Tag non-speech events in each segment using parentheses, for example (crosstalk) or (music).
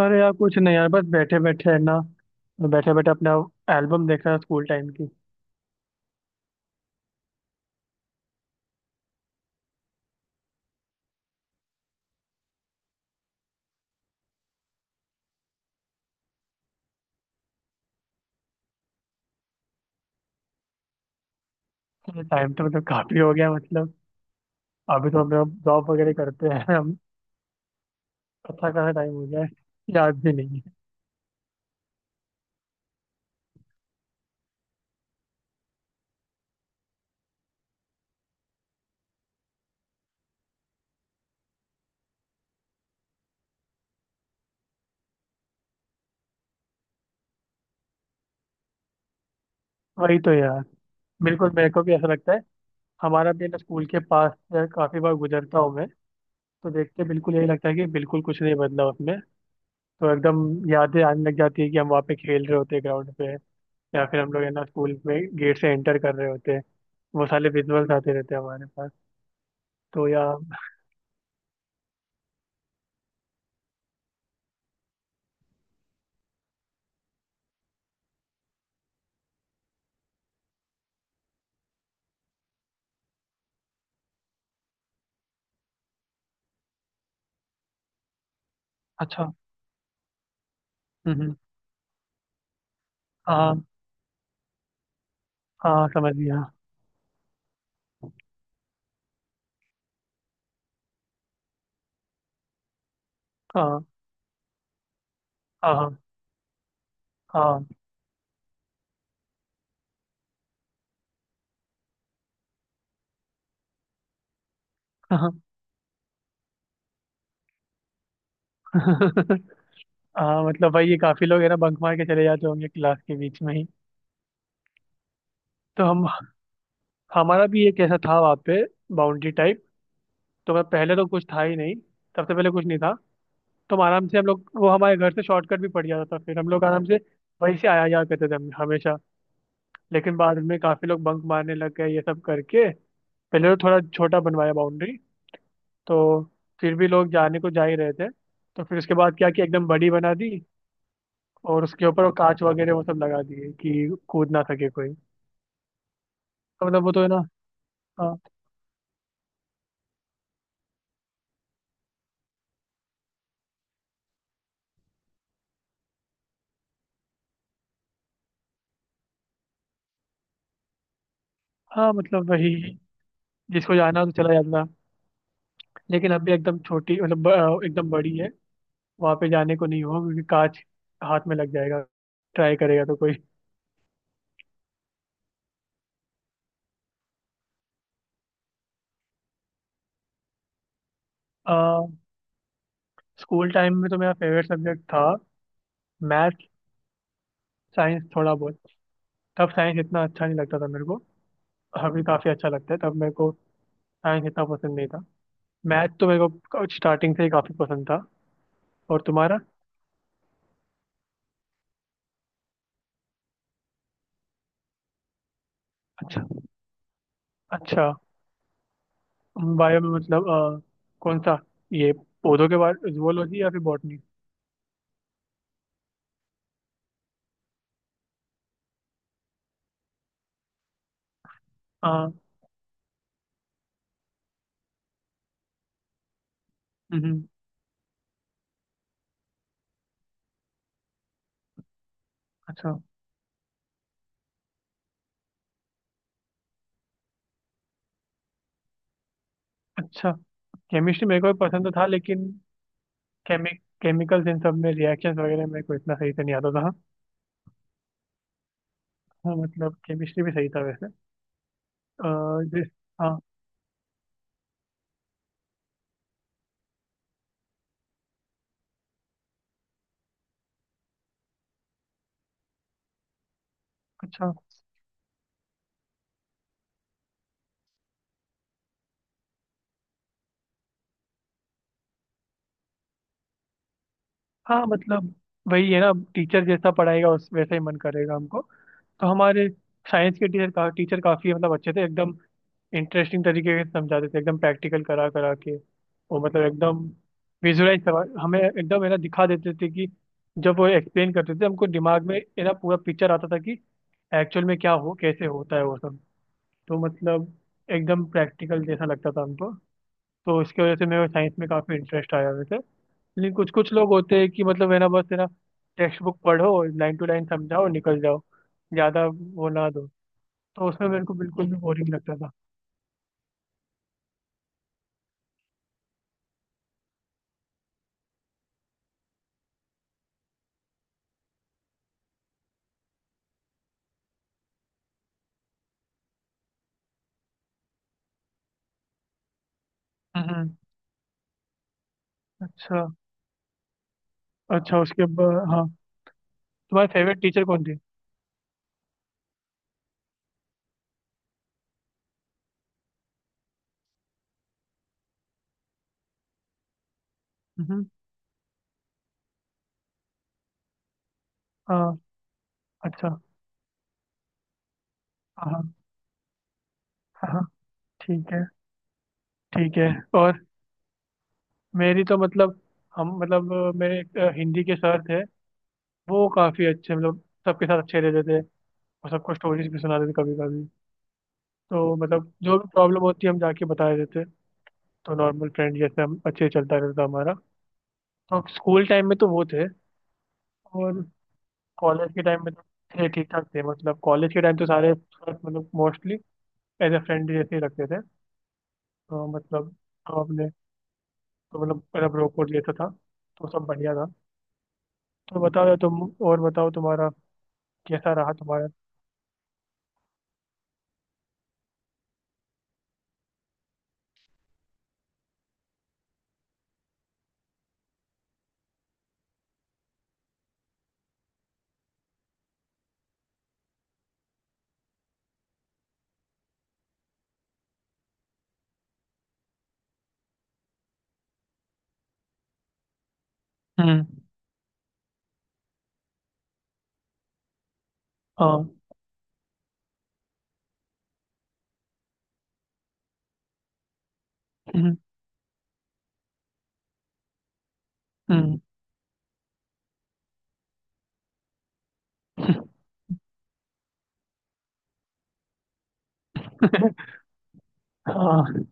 अरे यार, कुछ नहीं यार, बस बैठे बैठे है ना। बैठे बैठे अपना एल्बम देख रहा, स्कूल टाइम की। टाइम तो मतलब काफी हो गया। मतलब अभी तो हम लोग जॉब वगैरह करते हैं। हम अच्छा खासा टाइम हो गया है। याद भी नहीं है। वही तो यार, बिल्कुल मेरे को भी ऐसा लगता है। हमारा भी ना स्कूल के पास से काफी बार गुजरता हूँ मैं। तो देख के बिल्कुल यही लगता है कि बिल्कुल कुछ नहीं बदला उसमें। तो एकदम यादें आने लग जाती है कि हम वहाँ पे खेल रहे होते हैं ग्राउंड पे, या फिर हम लोग है ना स्कूल में गेट से एंटर कर रहे होते हैं। वो सारे विजुअल्स आते रहते हैं हमारे पास। तो यार, अच्छा। हम्म हम्म, हाँ। हाँ समझ गया। हाँ हाँ। हाँ हाँ। (laughs) हाँ, मतलब भाई ये काफी लोग है ना बंक मार के चले जाते होंगे क्लास के बीच में ही। तो हम हमारा भी एक ऐसा था वहाँ पे, बाउंड्री टाइप। तो मैं पहले तो कुछ था ही नहीं, सबसे पहले कुछ नहीं था। तो हम आराम से हम लोग, वो हमारे घर से शॉर्टकट भी पड़ जाता था, फिर हम लोग आराम से वहीं से आया जाया करते थे हम हमेशा। लेकिन बाद में काफी लोग बंक मारने लग गए ये सब करके। पहले तो थोड़ा छोटा बनवाया बाउंड्री, तो फिर भी लोग जाने को जा ही रहे थे। तो फिर उसके बाद क्या कि एकदम बड़ी बना दी, और उसके ऊपर वो कांच वगैरह वो सब लगा दिए कि कूद ना सके कोई। तो मतलब वो तो है ना। हाँ। हाँ मतलब वही, जिसको जाना हो तो चला जाता। लेकिन अभी एकदम छोटी मतलब एकदम बड़ी है। वहाँ पे जाने को नहीं होगा क्योंकि कांच हाथ में लग जाएगा, ट्राई करेगा तो कोई। आ, स्कूल टाइम में तो मेरा फेवरेट सब्जेक्ट था मैथ, साइंस थोड़ा बहुत। तब साइंस इतना अच्छा नहीं लगता था मेरे को, अभी काफ़ी अच्छा लगता है तब मेरे को। साइंस इतना पसंद नहीं था। मैथ तो मेरे को स्टार्टिंग से ही काफी पसंद था। और तुम्हारा? अच्छा। अच्छा। बायो में मतलब कौन सा, ये पौधों के बारे, जुअलोजी या फिर बॉटनी? हाँ। हम्म। अच्छा। अच्छा। केमिस्ट्री मेरे को भी पसंद तो था लेकिन केमि केमिकल्स इन सब में रिएक्शंस वगैरह मेरे को इतना सही से नहीं आता था। हाँ मतलब केमिस्ट्री भी सही था वैसे। जिस, हाँ, अच्छा। हाँ मतलब वही है ना, टीचर जैसा पढ़ाएगा उस वैसा ही मन करेगा हमको। तो हमारे साइंस के टीचर का टीचर काफी मतलब अच्छे थे एकदम, इंटरेस्टिंग तरीके से समझाते थे एकदम, प्रैक्टिकल करा करा के। वो मतलब एकदम विजुअलाइज करवा हमें एकदम है ना दिखा देते थे कि जब वो एक्सप्लेन करते थे हमको दिमाग में है ना पूरा पिक्चर आता था कि एक्चुअल में क्या हो कैसे होता है वो सब। तो मतलब एकदम प्रैक्टिकल जैसा लगता था हमको। तो इसकी वजह से मेरे साइंस में काफ़ी इंटरेस्ट आया वैसे। लेकिन कुछ कुछ लोग होते हैं कि मतलब है ना बस है ना टेक्स्ट बुक पढ़ो लाइन टू लाइन समझाओ और निकल जाओ, ज्यादा वो ना दो। तो उसमें मेरे को बिल्कुल भी बोरिंग लगता था। हम्म। अच्छा। अच्छा उसके बाद? हाँ, तुम्हारी फेवरेट टीचर कौन थी? हम्म। हाँ। अच्छा। हाँ हाँ, हाँ, ठीक है, ठीक है। और मेरी तो मतलब, हम मतलब मेरे एक हिंदी के सर थे। वो काफी अच्छे मतलब सबके साथ अच्छे रहते थे, और सबको स्टोरीज भी सुनाते थे कभी कभी। तो मतलब जो भी प्रॉब्लम होती है हम जाके बता देते थे। तो नॉर्मल फ्रेंड जैसे हम अच्छे चलता रहता हमारा। तो स्कूल टाइम में तो वो थे। और कॉलेज के टाइम में तो थे ठीक ठाक थे, मतलब कॉलेज के टाइम तो सारे मतलब मोस्टली एज ए फ्रेंड जैसे ही रखते थे। तो मतलब हम अपने, तो मतलब रोक वोक लेता था, तो सब बढ़िया था। तो बताओ यार तुम, और बताओ तुम्हारा कैसा रहा तुम्हारा? हम्म। हाँ। हम्म हम्म, (laughs) हाँ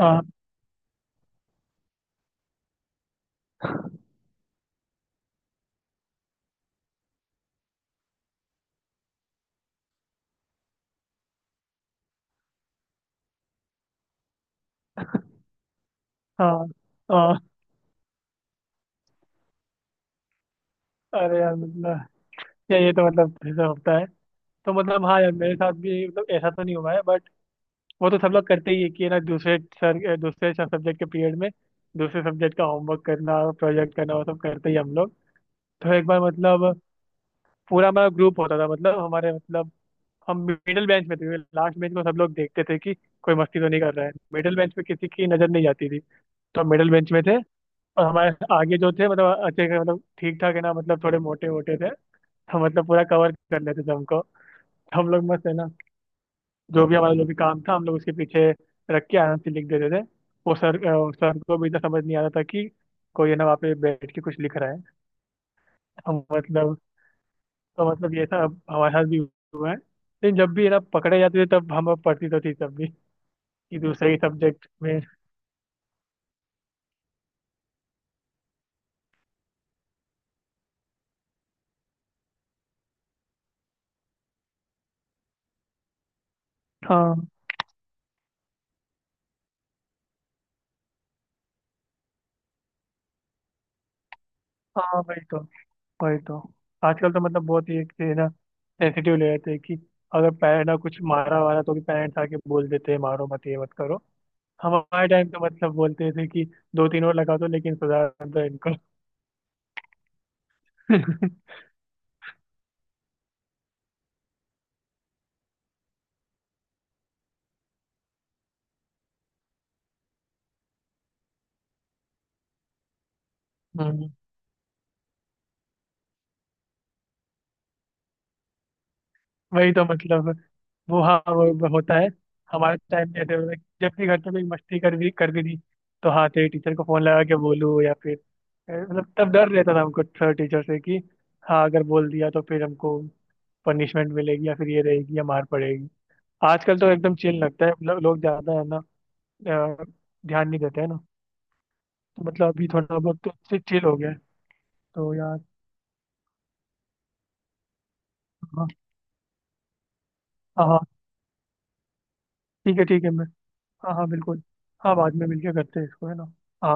हाँ, हाँ हाँ। अरे यार मतलब, यार ये तो मतलब ऐसा होता है। तो मतलब हाँ यार, मेरे साथ भी मतलब ऐसा तो नहीं हुआ है, बट वो तो सब लोग करते ही है कि ना, दूसरे सर दूसरे सब्जेक्ट के पीरियड में दूसरे सब्जेक्ट का होमवर्क करना, प्रोजेक्ट करना, वो सब करते ही हम लोग। तो एक बार मतलब, पूरा हमारा ग्रुप होता था मतलब हमारे मतलब, हम मिडिल बेंच में थे। लास्ट बेंच में सब लोग देखते थे कि कोई मस्ती तो नहीं कर रहा है, मिडिल बेंच पे किसी की नजर नहीं जाती थी। तो हम मिडिल बेंच में थे, और हमारे आगे जो थे मतलब अच्छे खासे, मतलब ठीक ठाक है ना, मतलब थोड़े मोटे मोटे थे, तो मतलब पूरा कवर कर लेते थे हमको। तो हम लोग मस्त है ना, जो भी हमारा जो भी काम था हम लोग उसके पीछे रख के आराम से लिख देते थे। वो सर सर को भी इतना समझ नहीं आता था कि कोई है ना वहाँ पे बैठ के कुछ लिख रहा है। हम मतलब, तो मतलब ये था। अब हमारे साथ भी हुआ है लेकिन जब भी है ना पकड़े जाते थे तब हम पढ़ती तो थी तब भी, कि दूसरे ही सब्जेक्ट में। हाँ हाँ वही तो, वही तो। आजकल तो मतलब बहुत ही एक है ना सेंसिटिव ले रहते हैं कि अगर पैर ना कुछ मारा वारा तो भी पेरेंट्स आके बोल देते हैं मारो मत, ये मत करो। हमारे टाइम तो मतलब बोलते थे कि दो तीन और लगा दो लेकिन सुधार दो इनको। (laughs) हम्म, वही तो मतलब, वो हाँ, वो होता है। हमारे टाइम में ऐसे होता है, कि जब भी घर पे कोई मस्ती कर भी दी तो हाँ तेरे टीचर को फोन लगा के बोलूँ, या फिर मतलब तब डर रहता था हमको सर टीचर से कि हाँ अगर बोल दिया तो फिर हमको पनिशमेंट मिलेगी या फिर ये रहेगी या मार पड़ेगी। आजकल तो एकदम चिल लगता है, लोग ज्यादा है ना, अ, ध्यान नहीं देते है ना। तो मतलब अभी थोड़ा बहुत तो चिल हो गया है। तो यार, हाँ। हाँ हाँ, ठीक है, ठीक है, मैं। हाँ हाँ बिल्कुल, हाँ बाद में मिलके करते हैं इसको है ना। हाँ।